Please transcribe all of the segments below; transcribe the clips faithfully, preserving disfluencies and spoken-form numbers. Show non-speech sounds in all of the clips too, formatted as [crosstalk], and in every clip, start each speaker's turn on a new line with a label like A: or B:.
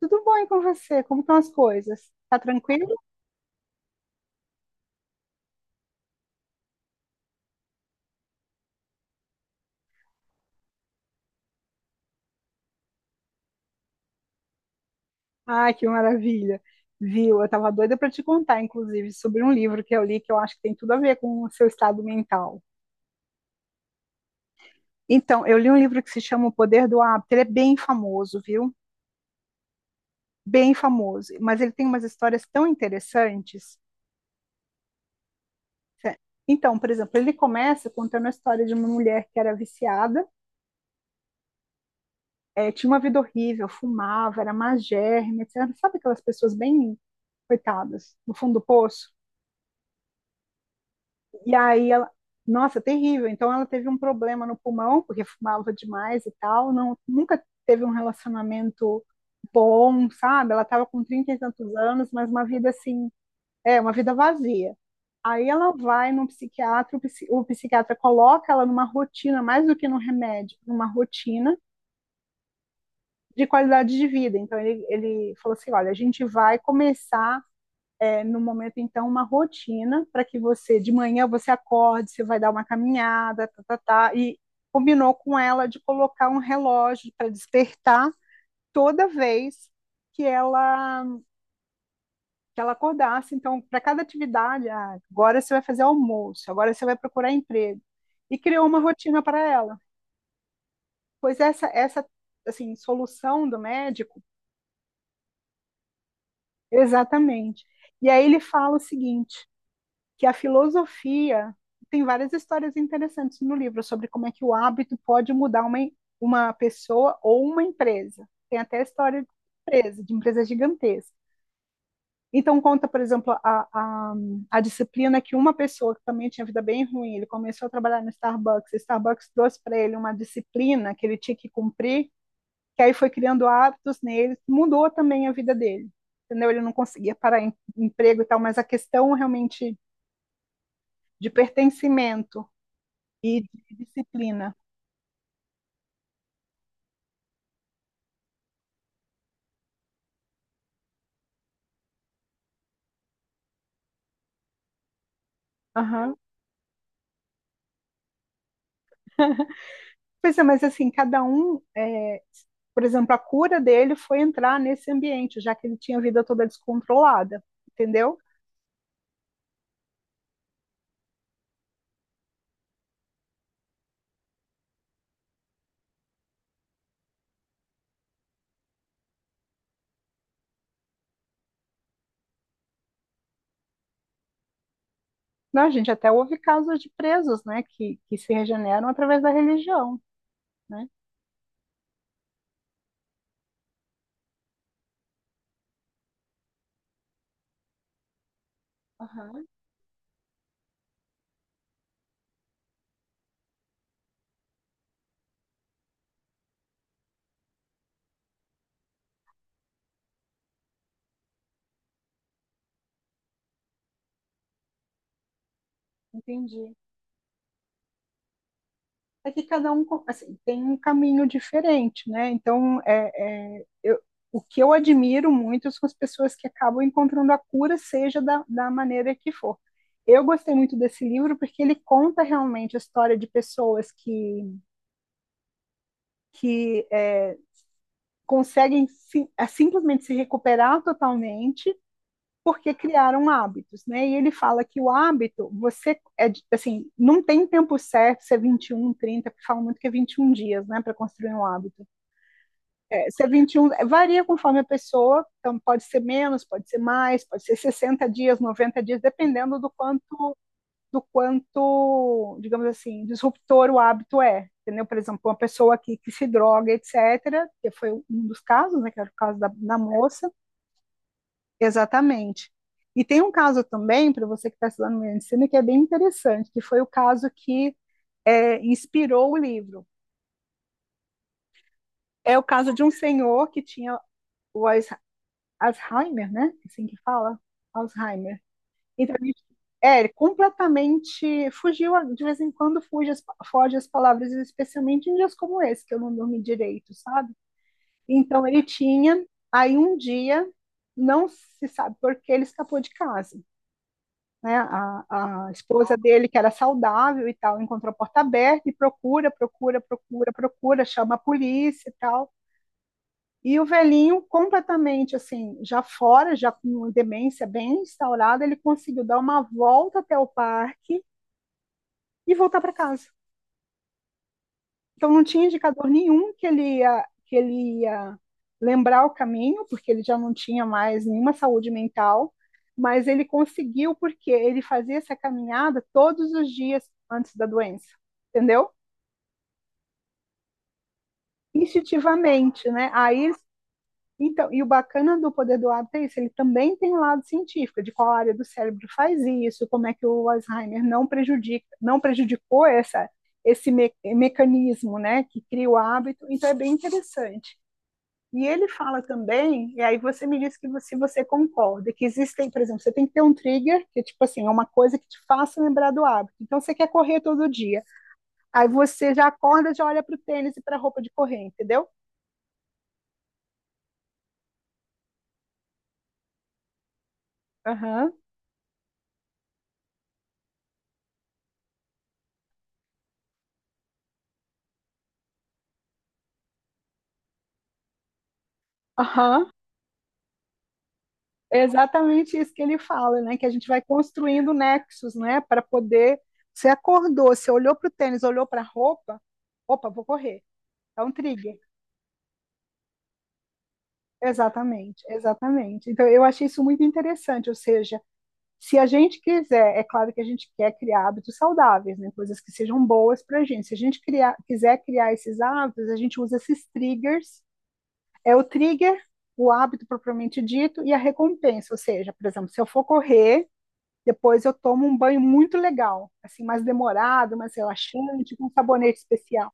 A: Tudo bom e com você? Como estão as coisas? Tá tranquilo? Ai, que maravilha. Viu? Eu tava doida para te contar, inclusive, sobre um livro que eu li que eu acho que tem tudo a ver com o seu estado mental. Então, eu li um livro que se chama O Poder do Hábito. Ele é bem famoso, viu? Bem famoso. Mas ele tem umas histórias tão interessantes. Cé- Então, por exemplo, ele começa contando a história de uma mulher que era viciada, eh, tinha uma vida horrível, fumava, era magérrima, etcétera. Sabe aquelas pessoas bem coitadas, no fundo do poço? E aí ela, nossa, terrível. Então ela teve um problema no pulmão, porque fumava demais e tal, não, nunca teve um relacionamento bom, sabe? Ela estava com trinta e tantos anos, mas uma vida assim, é, uma vida vazia. Aí ela vai num psiquiatra, o, psi- o psiquiatra coloca ela numa rotina, mais do que no remédio, numa rotina de qualidade de vida. Então ele, ele falou assim: olha, a gente vai começar é, no momento, então, uma rotina para que você, de manhã, você acorde, você vai dar uma caminhada, tá, tá, tá, e combinou com ela de colocar um relógio para despertar toda vez que ela, que ela acordasse. Então, para cada atividade, ah, agora você vai fazer almoço, agora você vai procurar emprego. E criou uma rotina para ela. Pois essa, essa assim, solução do médico, exatamente. E aí ele fala o seguinte: que a filosofia tem várias histórias interessantes no livro sobre como é que o hábito pode mudar uma, uma pessoa ou uma empresa. Tem até a história de empresa, de empresa gigantesca. Então, conta, por exemplo, a, a, a disciplina que uma pessoa que também tinha vida bem ruim, ele começou a trabalhar no Starbucks, o Starbucks trouxe para ele uma disciplina que ele tinha que cumprir, que aí foi criando hábitos nele, mudou também a vida dele. Entendeu? Ele não conseguia parar em emprego e tal, mas a questão realmente de pertencimento e de disciplina. Aham. Pois é, mas assim, cada um, é, por exemplo, a cura dele foi entrar nesse ambiente, já que ele tinha a vida toda descontrolada, entendeu? Não, a gente até houve casos de presos, né, que, que se regeneram através da religião, né? Aham, entendi. É que cada um assim, tem um caminho diferente, né? Então, é, é, eu, o que eu admiro muito são as pessoas que acabam encontrando a cura, seja da, da maneira que for. Eu gostei muito desse livro porque ele conta realmente a história de pessoas que, que é, conseguem sim, simplesmente se recuperar totalmente porque criaram hábitos, né? E ele fala que o hábito, você é assim, não tem tempo certo, se é vinte e um, trinta, porque fala muito que é vinte e um dias, né, para construir um hábito. C vinte e um é, varia conforme a pessoa, então pode ser menos, pode ser mais, pode ser sessenta dias, noventa dias, dependendo do quanto, do quanto, digamos assim, disruptor o hábito é. Entendeu? Por exemplo, uma pessoa que, que se droga, etcétera que foi um dos casos, né, que era o caso da, da moça, exatamente. E tem um caso também, para você que está estudando medicina, que é bem interessante, que foi o caso que é, inspirou o livro. É o caso de um senhor que tinha o Alzheimer, né? É assim que fala, Alzheimer. Então, ele- é, completamente fugiu, a- de vez em quando fuge as, pa- foge as palavras, especialmente em dias como esse, que eu não dormi direito, sabe? Então, ele tinha, aí um dia, não se sabe por que ele escapou de casa. Né? A, a esposa dele, que era saudável e tal, encontrou a porta aberta e procura, procura, procura, procura, chama a polícia e tal. E o velhinho, completamente assim, já fora, já com demência bem instaurada, ele conseguiu dar uma volta até o parque e voltar para casa. Então não tinha indicador nenhum que ele ia, que ele ia lembrar o caminho, porque ele já não tinha mais nenhuma saúde mental, mas ele conseguiu porque ele fazia essa caminhada todos os dias antes da doença, entendeu? Instintivamente, né? Aí então, e o bacana do poder do hábito é isso, ele também tem um lado científico, de qual área do cérebro faz isso, como é que o Alzheimer não prejudica, não prejudicou essa, esse me mecanismo, né, que cria o hábito, então é bem interessante. E ele fala também, e aí você me diz que você, você concorda, que existem, por exemplo, você tem que ter um trigger, que é tipo assim, é uma coisa que te faça lembrar do hábito. Então você quer correr todo dia, aí você já acorda, já olha para o tênis e para a roupa de correr, entendeu? Aham, aham. É exatamente isso que ele fala, né? Que a gente vai construindo nexos, né? Para poder. Você acordou, você olhou para o tênis, olhou para a roupa, opa, vou correr. É um trigger. Exatamente, exatamente. Então, eu achei isso muito interessante. Ou seja, se a gente quiser, é claro que a gente quer criar hábitos saudáveis, né? Coisas que sejam boas para a gente. Se a gente criar, quiser criar esses hábitos, a gente usa esses triggers. É o trigger, o hábito propriamente dito e a recompensa. Ou seja, por exemplo, se eu for correr, depois eu tomo um banho muito legal, assim, mais demorado, mais relaxante, com um sabonete especial.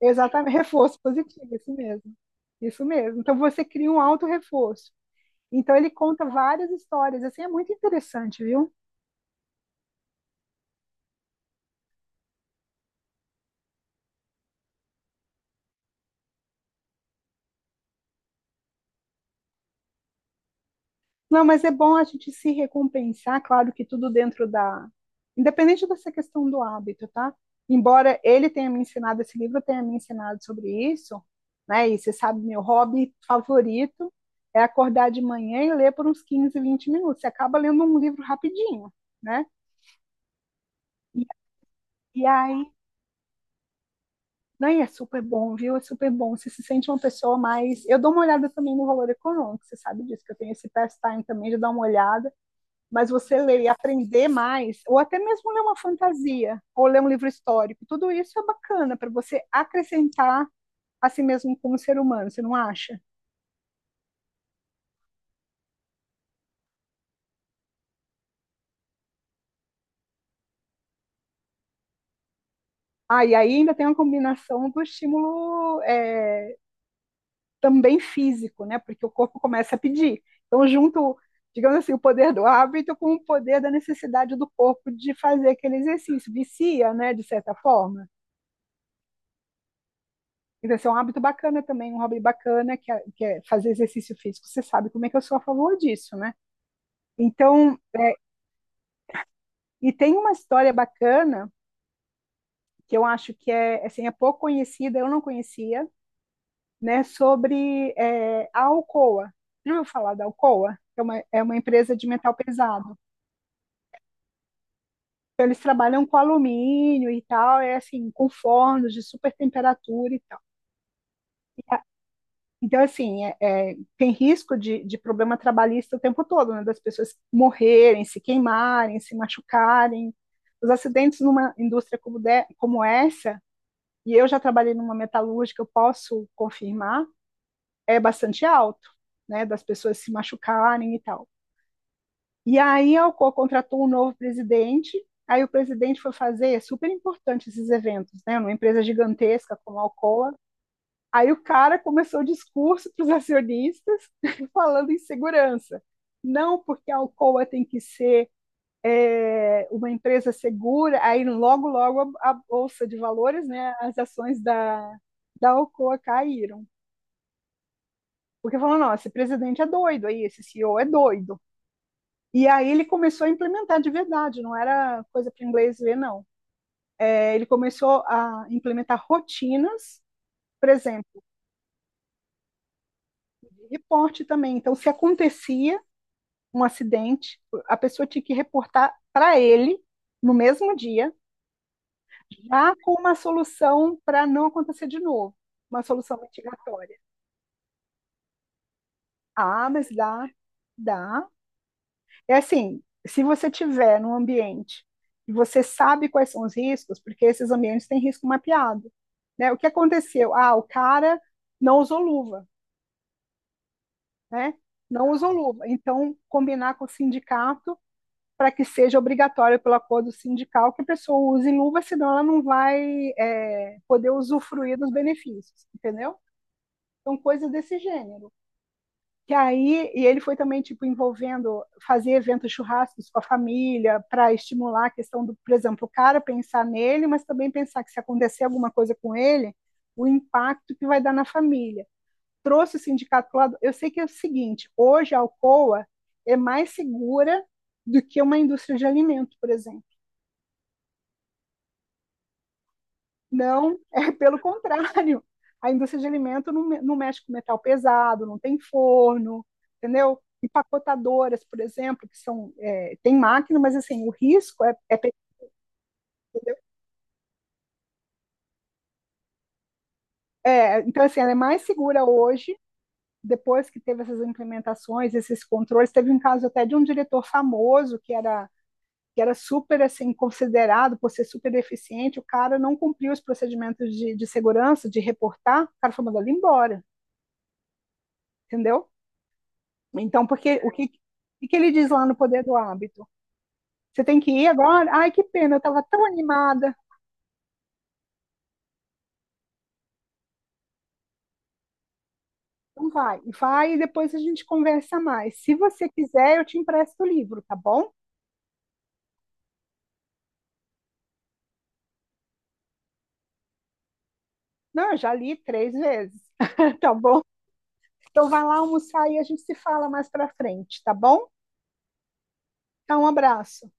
A: Exatamente, reforço positivo, isso mesmo. Isso mesmo. Então você cria um auto-reforço. Então ele conta várias histórias, assim, é muito interessante, viu? Não, mas é bom a gente se recompensar, claro que tudo dentro da. Independente dessa questão do hábito, tá? Embora ele tenha me ensinado, esse livro tenha me ensinado sobre isso, né? E você sabe, meu hobby favorito é acordar de manhã e ler por uns quinze, vinte minutos. Você acaba lendo um livro rapidinho, né? E, e aí, não, e é super bom, viu? É super bom. Você se sente uma pessoa mais. Eu dou uma olhada também no valor econômico, você sabe disso, que eu tenho esse pastime também de dar uma olhada mas você ler e aprender mais, ou até mesmo ler uma fantasia, ou ler um livro histórico, tudo isso é bacana para você acrescentar a si mesmo como ser humano, você não acha? Ah, e aí ainda tem uma combinação do estímulo é, também físico, né? Porque o corpo começa a pedir. Então, junto, digamos assim, o poder do hábito com o poder da necessidade do corpo de fazer aquele exercício. Vicia, né? De certa forma. Então, esse é um hábito bacana também, um hobby bacana, que é, que é fazer exercício físico. Você sabe como é que eu sou a favor disso, né? Então, e tem uma história bacana, que eu acho que é, assim, é pouco conhecida, eu não conhecia, né, sobre é, a Alcoa. Já ouviu falar da Alcoa? É uma, é uma empresa de metal pesado. Então, eles trabalham com alumínio e tal, é assim, com fornos de super temperatura e então, assim, é- é, tem risco de, de problema trabalhista o tempo todo, né? Das pessoas morrerem, se queimarem, se machucarem. Os acidentes numa indústria como, de- como essa, e eu já trabalhei numa metalúrgica, eu posso confirmar, é bastante alto, né? Das pessoas se machucarem e tal. E aí a Alcoa contratou um novo presidente, aí o presidente foi fazer, é super importante esses eventos, né? Numa empresa gigantesca como a Alcoa, aí o cara começou o discurso para os acionistas [laughs] falando em segurança. Não porque a Alcoa tem que ser é, uma empresa segura, aí logo, logo a, a Bolsa de Valores, né, as ações da, da Alcoa caíram. Porque falou, não, esse presidente é doido, aí esse C E O é doido. E aí ele começou a implementar de verdade, não era coisa para inglês ver, não. É, ele começou a implementar rotinas, por exemplo, de reporte também. Então, se acontecia um acidente, a pessoa tinha que reportar para ele no mesmo dia, já com uma solução para não acontecer de novo, uma solução mitigatória. Ah, mas dá, dá. É assim, se você tiver num ambiente e você sabe quais são os riscos, porque esses ambientes têm risco mapeado, né? O que aconteceu? Ah, o cara não usou luva, né? Não usou luva. Então, combinar com o sindicato para que seja obrigatório pelo acordo sindical que a pessoa use luva, senão ela não vai é, poder usufruir dos benefícios, entendeu? Então, coisas desse gênero. Que aí, e ele foi também, tipo, envolvendo, fazer eventos churrascos com a família, para estimular a questão do, por exemplo, o cara pensar nele, mas também pensar que se acontecer alguma coisa com ele, o impacto que vai dar na família. Trouxe o sindicato para o lado. Eu sei que é o seguinte: hoje a Alcoa é mais segura do que uma indústria de alimento, por exemplo. Não, é pelo contrário. A indústria de alimento não, me- não mexe com metal pesado, não tem forno, entendeu? Empacotadoras, por exemplo, que são, é, tem máquina, mas assim, o risco é, é pequeno, entendeu? É, então, assim, ela é mais segura hoje, depois que teve essas implementações, esses controles. Teve um caso até de um diretor famoso que era, que era super assim, considerado por ser super eficiente, o cara não cumpriu os procedimentos de, de segurança, de reportar, o cara foi mandado embora, entendeu? Então, porque o que, o que ele diz lá no Poder do Hábito? Você tem que ir agora? Ai, que pena, eu estava tão animada. Então vai, vai e depois a gente conversa mais. Se você quiser, eu te empresto o livro, tá bom? Não, eu já li três vezes, [laughs] tá bom? Então vai lá almoçar e a gente se fala mais pra frente, tá bom? Então, um abraço.